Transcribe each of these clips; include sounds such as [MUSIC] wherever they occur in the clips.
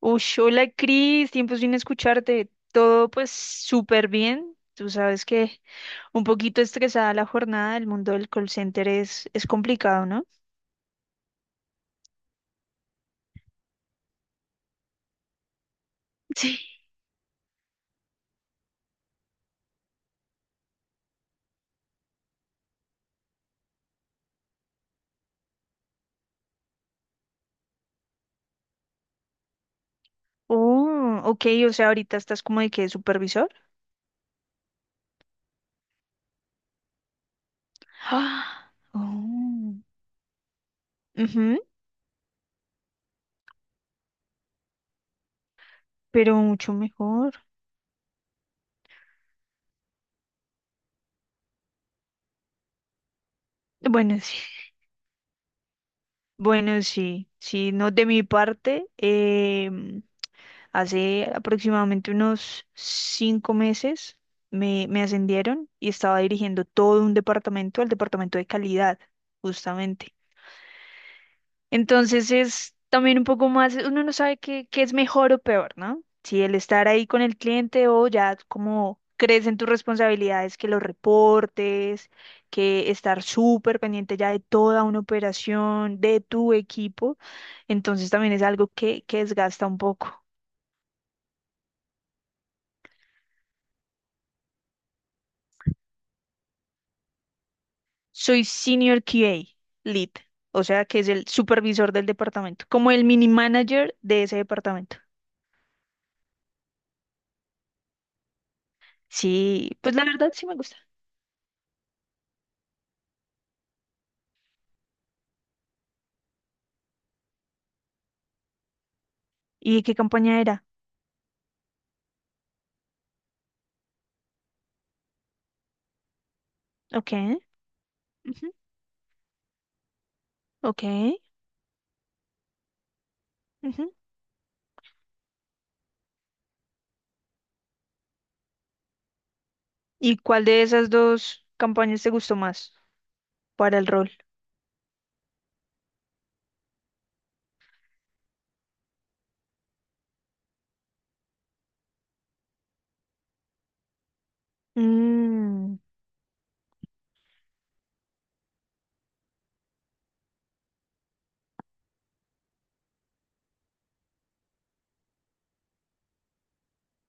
Uy, hola Cris, tiempo sin escucharte. Todo pues súper bien. Tú sabes que un poquito estresada la jornada, el mundo del call center es complicado, ¿no? [LAUGHS] Sí. Oh, ok, o sea, ahorita estás como de que supervisor. [GASPS] Ah, oh, ujú, pero mucho mejor. Bueno, sí, bueno, sí, sí, no de mi parte. Hace aproximadamente unos 5 meses me ascendieron y estaba dirigiendo todo un departamento, el departamento de calidad, justamente. Entonces es también un poco más, uno no sabe qué es mejor o peor, ¿no? Si el estar ahí con el cliente o ya como crees en tus responsabilidades, que los reportes, que estar súper pendiente ya de toda una operación, de tu equipo. Entonces también es algo que desgasta un poco. Soy Senior QA, Lead, o sea que es el supervisor del departamento, como el mini manager de ese departamento. Sí, pues la verdad sí me gusta. ¿Y qué campaña era? Ok, ujú, ok. Ujú. ¿Y cuál de esas dos campañas te gustó más para el rol? Mm,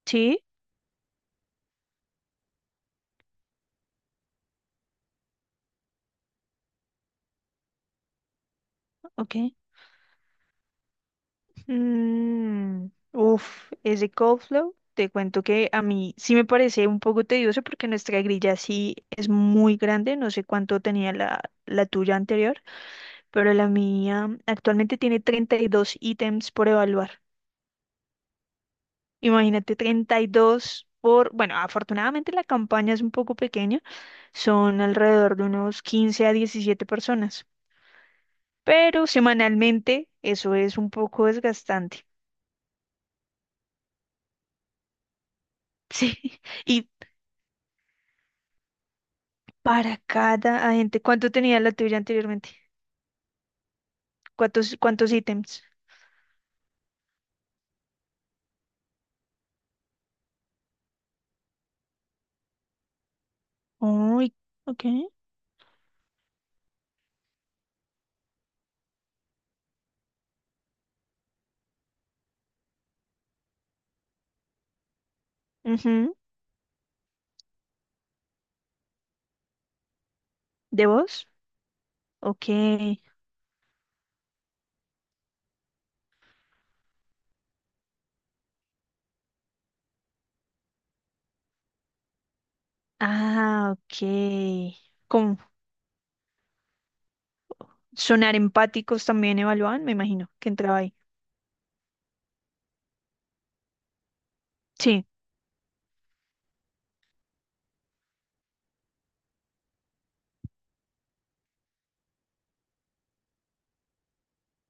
sí, ok. Mm, uf, ese cold te cuento que a mí sí me parece un poco tedioso porque nuestra grilla sí es muy grande, no sé cuánto tenía la tuya anterior, pero la mía actualmente tiene 32 ítems por evaluar. Imagínate 32 por, bueno, afortunadamente la campaña es un poco pequeña, son alrededor de unos 15 a 17 personas, pero semanalmente eso es un poco desgastante. [LAUGHS] Sí, y para cada agente. ¿Cuánto tenía la tuya anteriormente? ¿Cuántos, cuántos ítems? Uy, ok. Ujú. ¿De vos? Ok. Ah, ok. Con sonar empáticos también evaluaban, me imagino, que entraba ahí. Sí,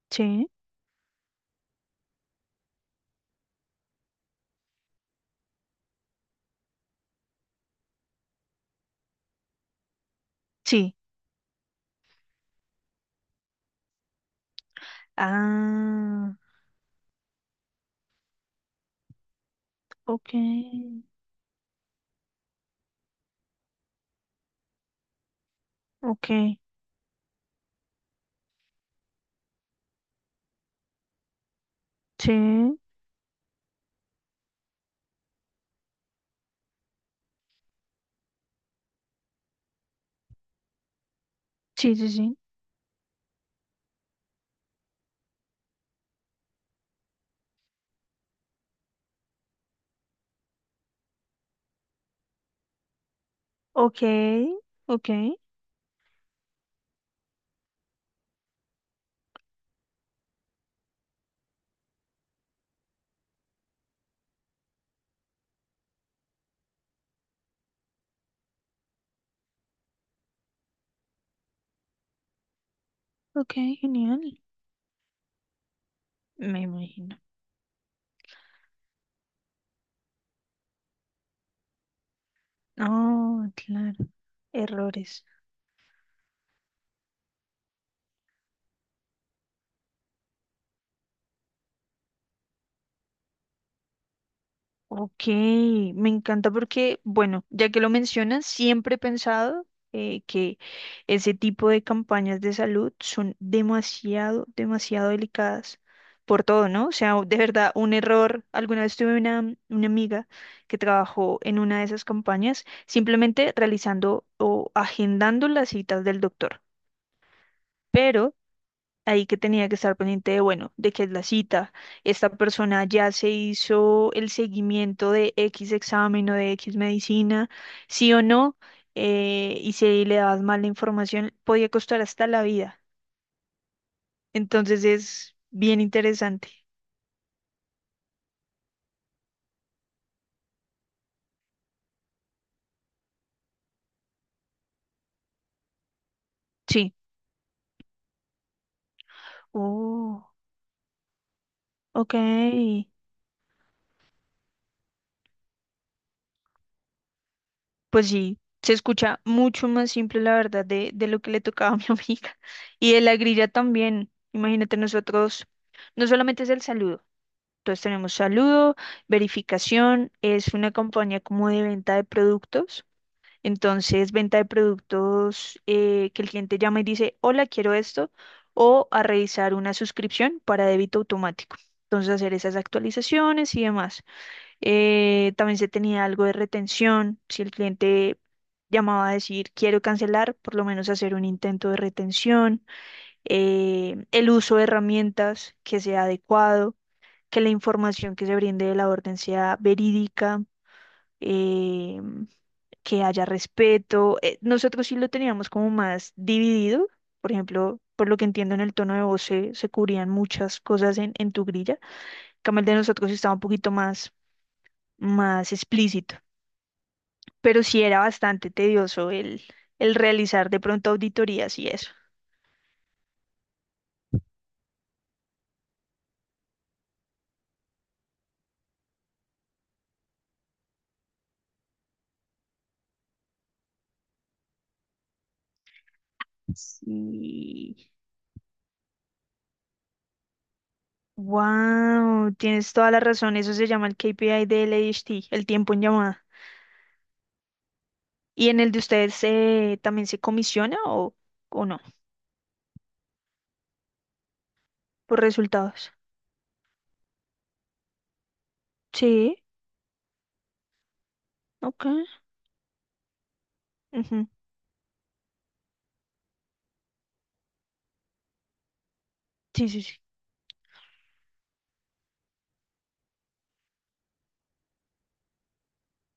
sí, sí. Ah, ok, ok. Sí, sí, sí, sí. Ok, ok, ok, genial. Me imagino. Oh, claro, errores. Ok, me encanta porque, bueno, ya que lo mencionas, siempre he pensado que ese tipo de campañas de salud son demasiado, demasiado delicadas por todo, ¿no? O sea, de verdad, un error. Alguna vez tuve una amiga que trabajó en una de esas campañas simplemente realizando o agendando las citas del doctor. Pero ahí que tenía que estar pendiente de, bueno, de qué es la cita. Esta persona ya se hizo el seguimiento de X examen o de X medicina, sí o no, y si le dabas mal la información, podía costar hasta la vida. Entonces es bien interesante. Sí. Oh, ok. Pues sí, se escucha mucho más simple, la verdad, de lo que le tocaba a mi [LAUGHS] amiga. Y de la grilla también. Imagínate nosotros, no solamente es el saludo. Entonces tenemos saludo, verificación, es una compañía como de venta de productos. Entonces, venta de productos, que el cliente llama y dice, hola, quiero esto, o a revisar una suscripción para débito automático. Entonces, hacer esas actualizaciones y demás. También se tenía algo de retención. Si el cliente llamaba a decir, quiero cancelar, por lo menos hacer un intento de retención. El uso de herramientas que sea adecuado, que la información que se brinde de la orden sea verídica, eh, que haya respeto. Nosotros sí lo teníamos como más dividido, por ejemplo, por lo que entiendo en el tono de voz se cubrían muchas cosas en tu grilla. En cambio, el de nosotros estaba un poquito más, más explícito, pero sí era bastante tedioso el realizar de pronto auditorías y eso. Sí. Wow, tienes toda la razón. Eso se llama el KPI del ADHD, el tiempo en llamada. ¿Y en el de ustedes, también se comisiona o no? Por resultados. Sí, ok. Ujú. Sí, sí, sí.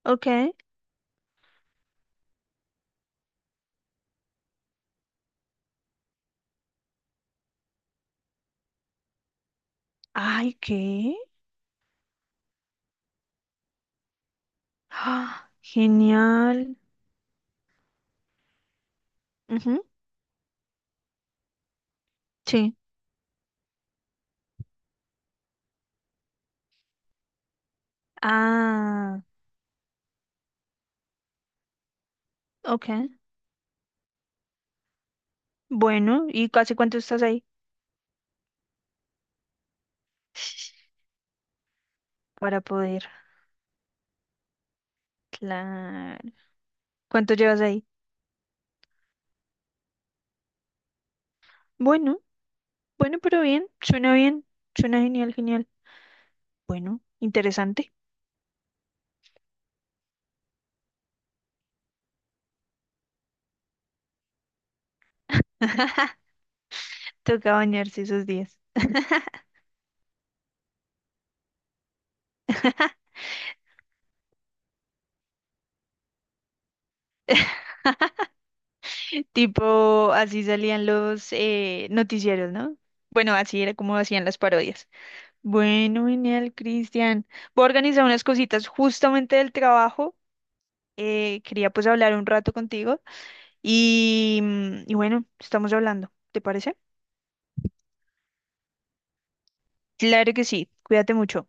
Ok. Ay, ¿qué? [GASPS] Ah, genial. Ujú. Sí. Ah, ok. Bueno, ¿y casi cuánto estás ahí? [SIGHS] Para poder. Claro. ¿Cuánto llevas ahí? Bueno, bueno, pero bien. Suena bien. Suena genial, genial. Bueno, interesante. Toca bañarse esos días. Tipo, así salían los, noticieros, ¿no? Bueno, así era como hacían las parodias. Bueno, genial, Cristian. Voy a organizar unas cositas justamente del trabajo. Quería pues hablar un rato contigo y, mm, y bueno, estamos hablando, ¿te parece? Claro que sí, cuídate mucho.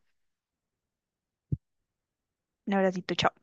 Un abracito, chao.